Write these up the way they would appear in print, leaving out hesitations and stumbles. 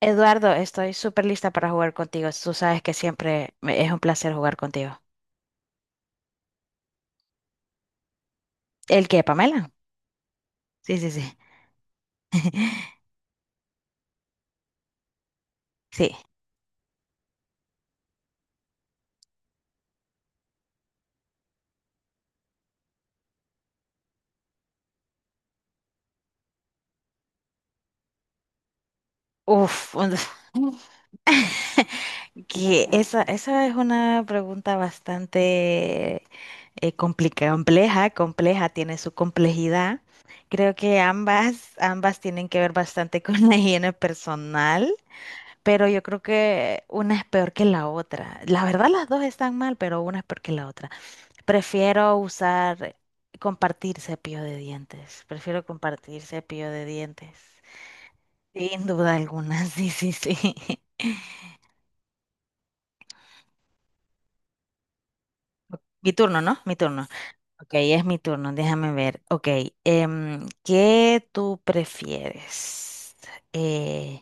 Eduardo, estoy súper lista para jugar contigo. Tú sabes que es un placer jugar contigo. ¿El qué, Pamela? Sí, sí, sí. Sí. Uf, que esa es una pregunta bastante compleja, compleja, tiene su complejidad. Creo que ambas tienen que ver bastante con la higiene personal, pero yo creo que una es peor que la otra. La verdad, las dos están mal, pero una es peor que la otra. Prefiero usar, compartir cepillo de dientes. Prefiero compartir cepillo de dientes. Sin duda alguna, sí, sí, sí. Mi turno, ¿no? Mi turno. Ok, es mi turno, déjame ver. Ok, ¿qué tú prefieres? Eh,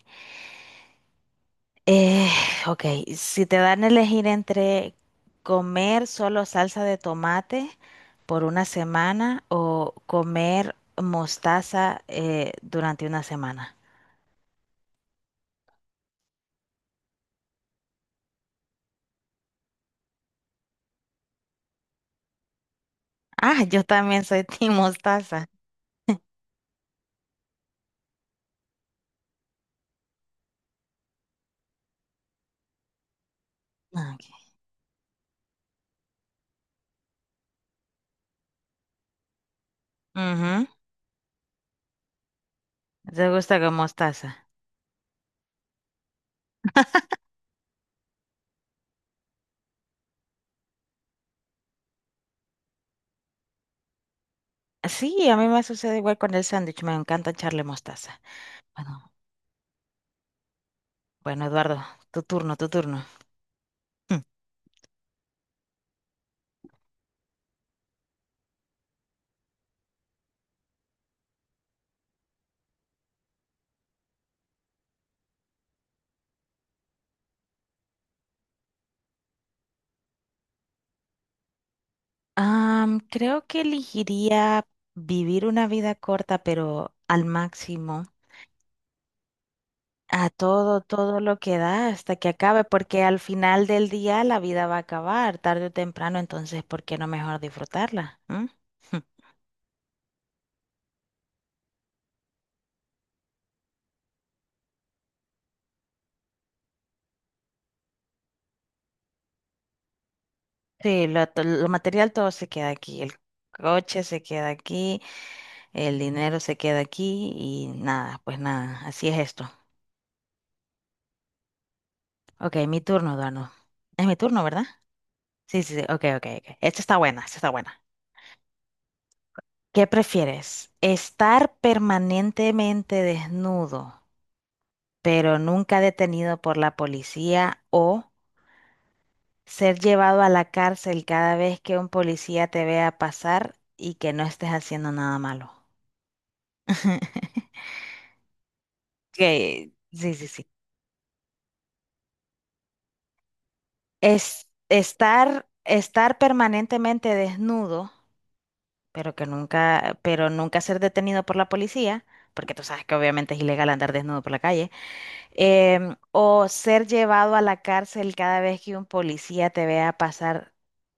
eh, ok, si te dan a elegir entre comer solo salsa de tomate por una semana o comer mostaza durante una semana. Ah, yo también soy team mostaza. Ah, ok. Ujú. ¿Te gusta con mostaza? Sí, a mí me sucede igual con el sándwich. Me encanta echarle mostaza. Bueno, bueno, Eduardo, tu turno, tu turno. Mm. Creo que elegiría vivir una vida corta, pero al máximo, a todo, todo lo que da hasta que acabe, porque al final del día la vida va a acabar, tarde o temprano, entonces, ¿por qué no mejor disfrutarla? ¿Mm? Sí, lo material todo se queda aquí, el coche se queda aquí, el dinero se queda aquí y nada, pues nada, así es esto. Ok, mi turno, Eduardo. Es mi turno, ¿verdad? Sí, sí, sí, ok, ok, ok. Esta está buena, esta está buena. ¿Qué prefieres? ¿Estar permanentemente desnudo, pero nunca detenido por la policía, o ser llevado a la cárcel cada vez que un policía te vea pasar y que no estés haciendo nada malo? Que sí, sí, sí. Es estar permanentemente desnudo, pero que nunca, pero nunca ser detenido por la policía, porque tú sabes que obviamente es ilegal andar desnudo por la calle, o ser llevado a la cárcel cada vez que un policía te vea pasar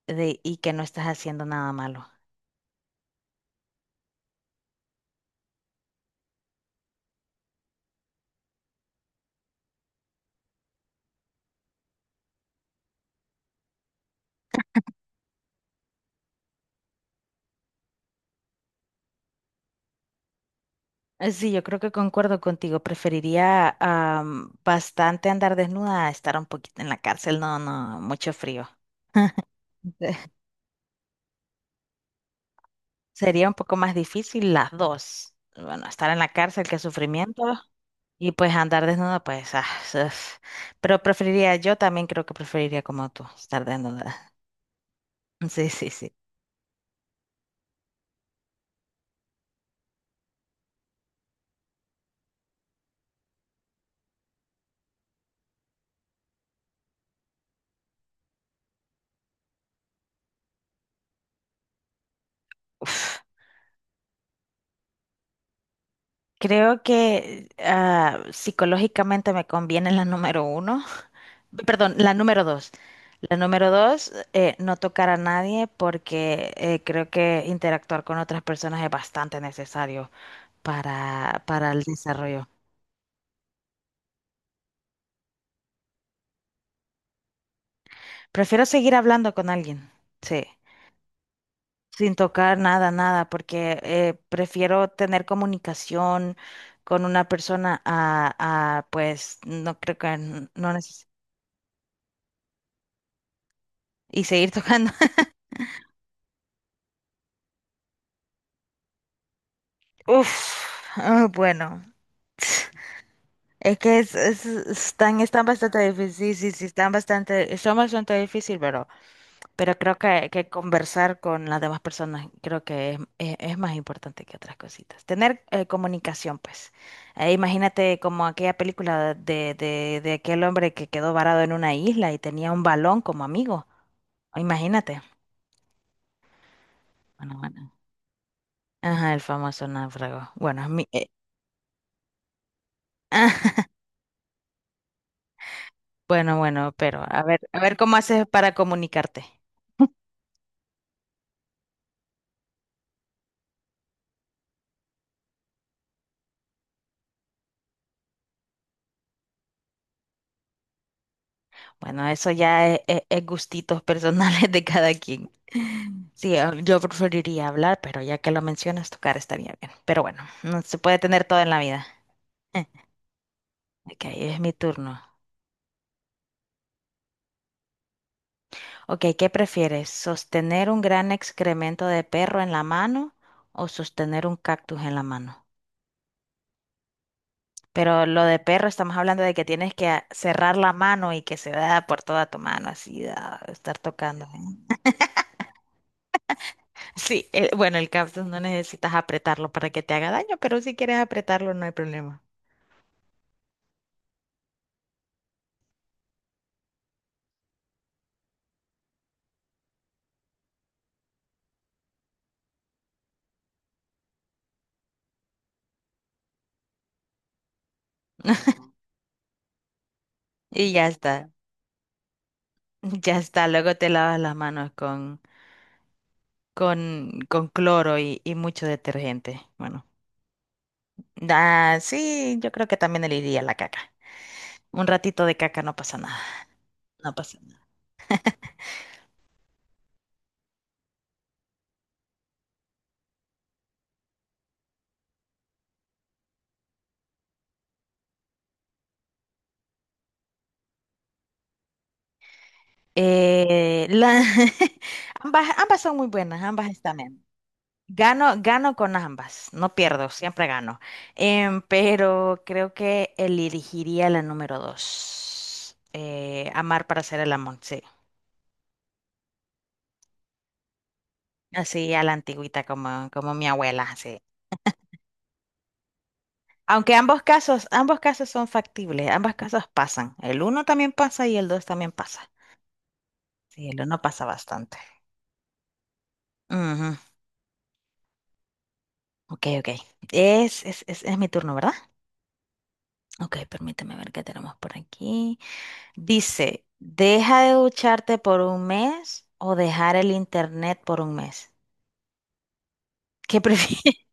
y que no estás haciendo nada malo. Sí, yo creo que concuerdo contigo. Preferiría bastante andar desnuda a estar un poquito en la cárcel. No, no, mucho frío. Sería un poco más difícil las dos. Bueno, estar en la cárcel, qué sufrimiento, y pues andar desnuda, pues, ah, uf. Pero preferiría, yo también creo que preferiría como tú, estar desnuda. Sí, sí, sí. Uf. Creo que ah, psicológicamente me conviene la número uno, perdón, la número dos. La número dos, no tocar a nadie porque creo que interactuar con otras personas es bastante necesario para el desarrollo. Prefiero seguir hablando con alguien, sí, sin tocar nada, nada, porque prefiero tener comunicación con una persona pues, no creo que no necesito. Y seguir tocando. Uf, ah, bueno, es que están, están bastante difíciles, sí, sí, sí, están bastante, son bastante difíciles, pero... Pero creo que conversar con las demás personas creo que es más importante que otras cositas. Tener comunicación, pues. Imagínate como aquella película de aquel hombre que quedó varado en una isla y tenía un balón como amigo. Imagínate. Bueno, bueno. Ajá, el famoso náufrago. Bueno, bueno, bueno, pero a ver cómo haces para comunicarte. Bueno, eso ya es gustitos personales de cada quien. Sí, yo preferiría hablar, pero ya que lo mencionas, tocar estaría bien. Pero bueno, no se puede tener todo en la vida. Eh, Ok, es mi turno. Ok, ¿qué prefieres? ¿Sostener un gran excremento de perro en la mano o sostener un cactus en la mano? Pero lo de perro estamos hablando de que tienes que cerrar la mano y que se da por toda tu mano, así, da, estar tocando. Sí, bueno, el cactus no necesitas apretarlo para que te haga daño, pero si quieres apretarlo no hay problema. Y ya está, ya está. Luego te lavas las manos con cloro y mucho detergente. Bueno, ah, sí, yo creo que también le iría la caca. Un ratito de caca no pasa nada, no pasa nada. Eh, la- ambas, ambas son muy buenas, ambas están bien. Gano, gano con ambas, no pierdo, siempre gano. Pero creo que elegiría la número dos. Amar para hacer el amor, sí. Así a la antigüita como, como mi abuela, sí. Aunque ambos casos son factibles, ambos casos pasan. El uno también pasa y el dos también pasa. Sí, el uno pasa bastante. Ujú. Ok, ok. Es mi turno, ¿verdad? Ok, permíteme ver qué tenemos por aquí. Dice, deja de ducharte por un mes o dejar el internet por un mes. ¿Qué prefieres?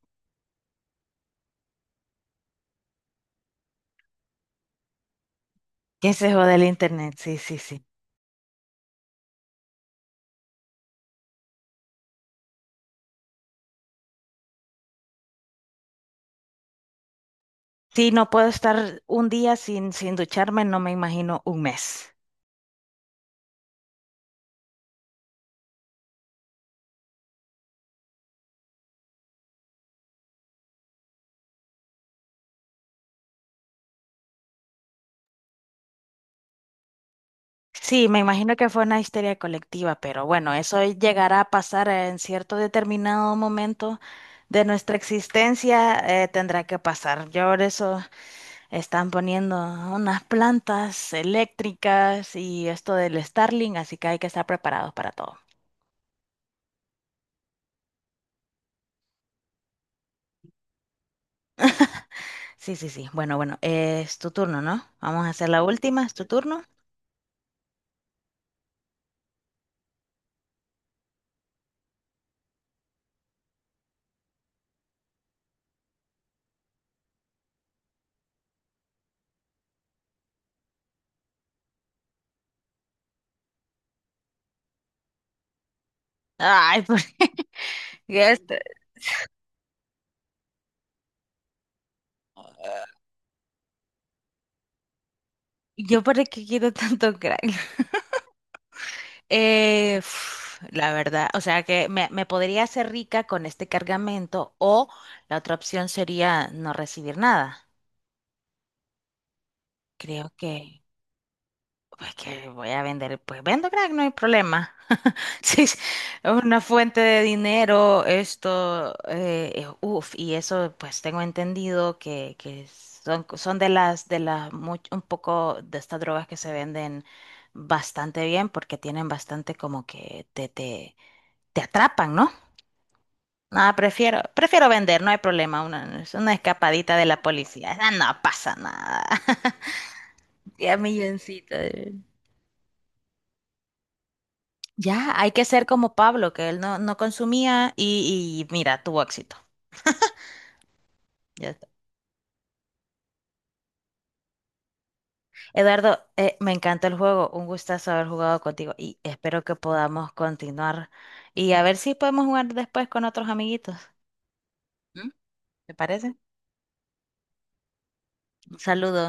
¿Qué se jode el internet? Sí, sí, sí. Sí, no puedo estar un día sin, sin ducharme, no me imagino un mes. Sí, me imagino que fue una histeria colectiva, pero bueno, eso llegará a pasar en cierto determinado momento de nuestra existencia, tendrá que pasar. Yo por eso están poniendo unas plantas eléctricas y esto del Starlink, así que hay que estar preparados para todo. Sí, sí, sí. Bueno, bueno, es tu turno, ¿no? Vamos a hacer la última, es tu turno. Ay, ¿por qué? Este, yo para qué quiero tanto crack. Uf, la verdad, o sea que me podría hacer rica con este cargamento o la otra opción sería no recibir nada. Creo que... Pues que voy a vender, pues vendo crack, no hay problema. Sí, es una fuente de dinero, esto, uff, y eso pues tengo entendido que son, son un poco de estas drogas que se venden bastante bien porque tienen bastante como que te atrapan, ¿no? Nada, prefiero, prefiero vender, no hay problema, una, es una escapadita de la policía. Ah, no pasa nada. Ya milloncito. Ya, hay que ser como Pablo, que él no, no consumía y mira, tuvo éxito. Ya está. Eduardo, me encantó el juego, un gustazo haber jugado contigo y espero que podamos continuar y a ver si podemos jugar después con otros amiguitos. ¿Mm? ¿Te parece? Un saludo.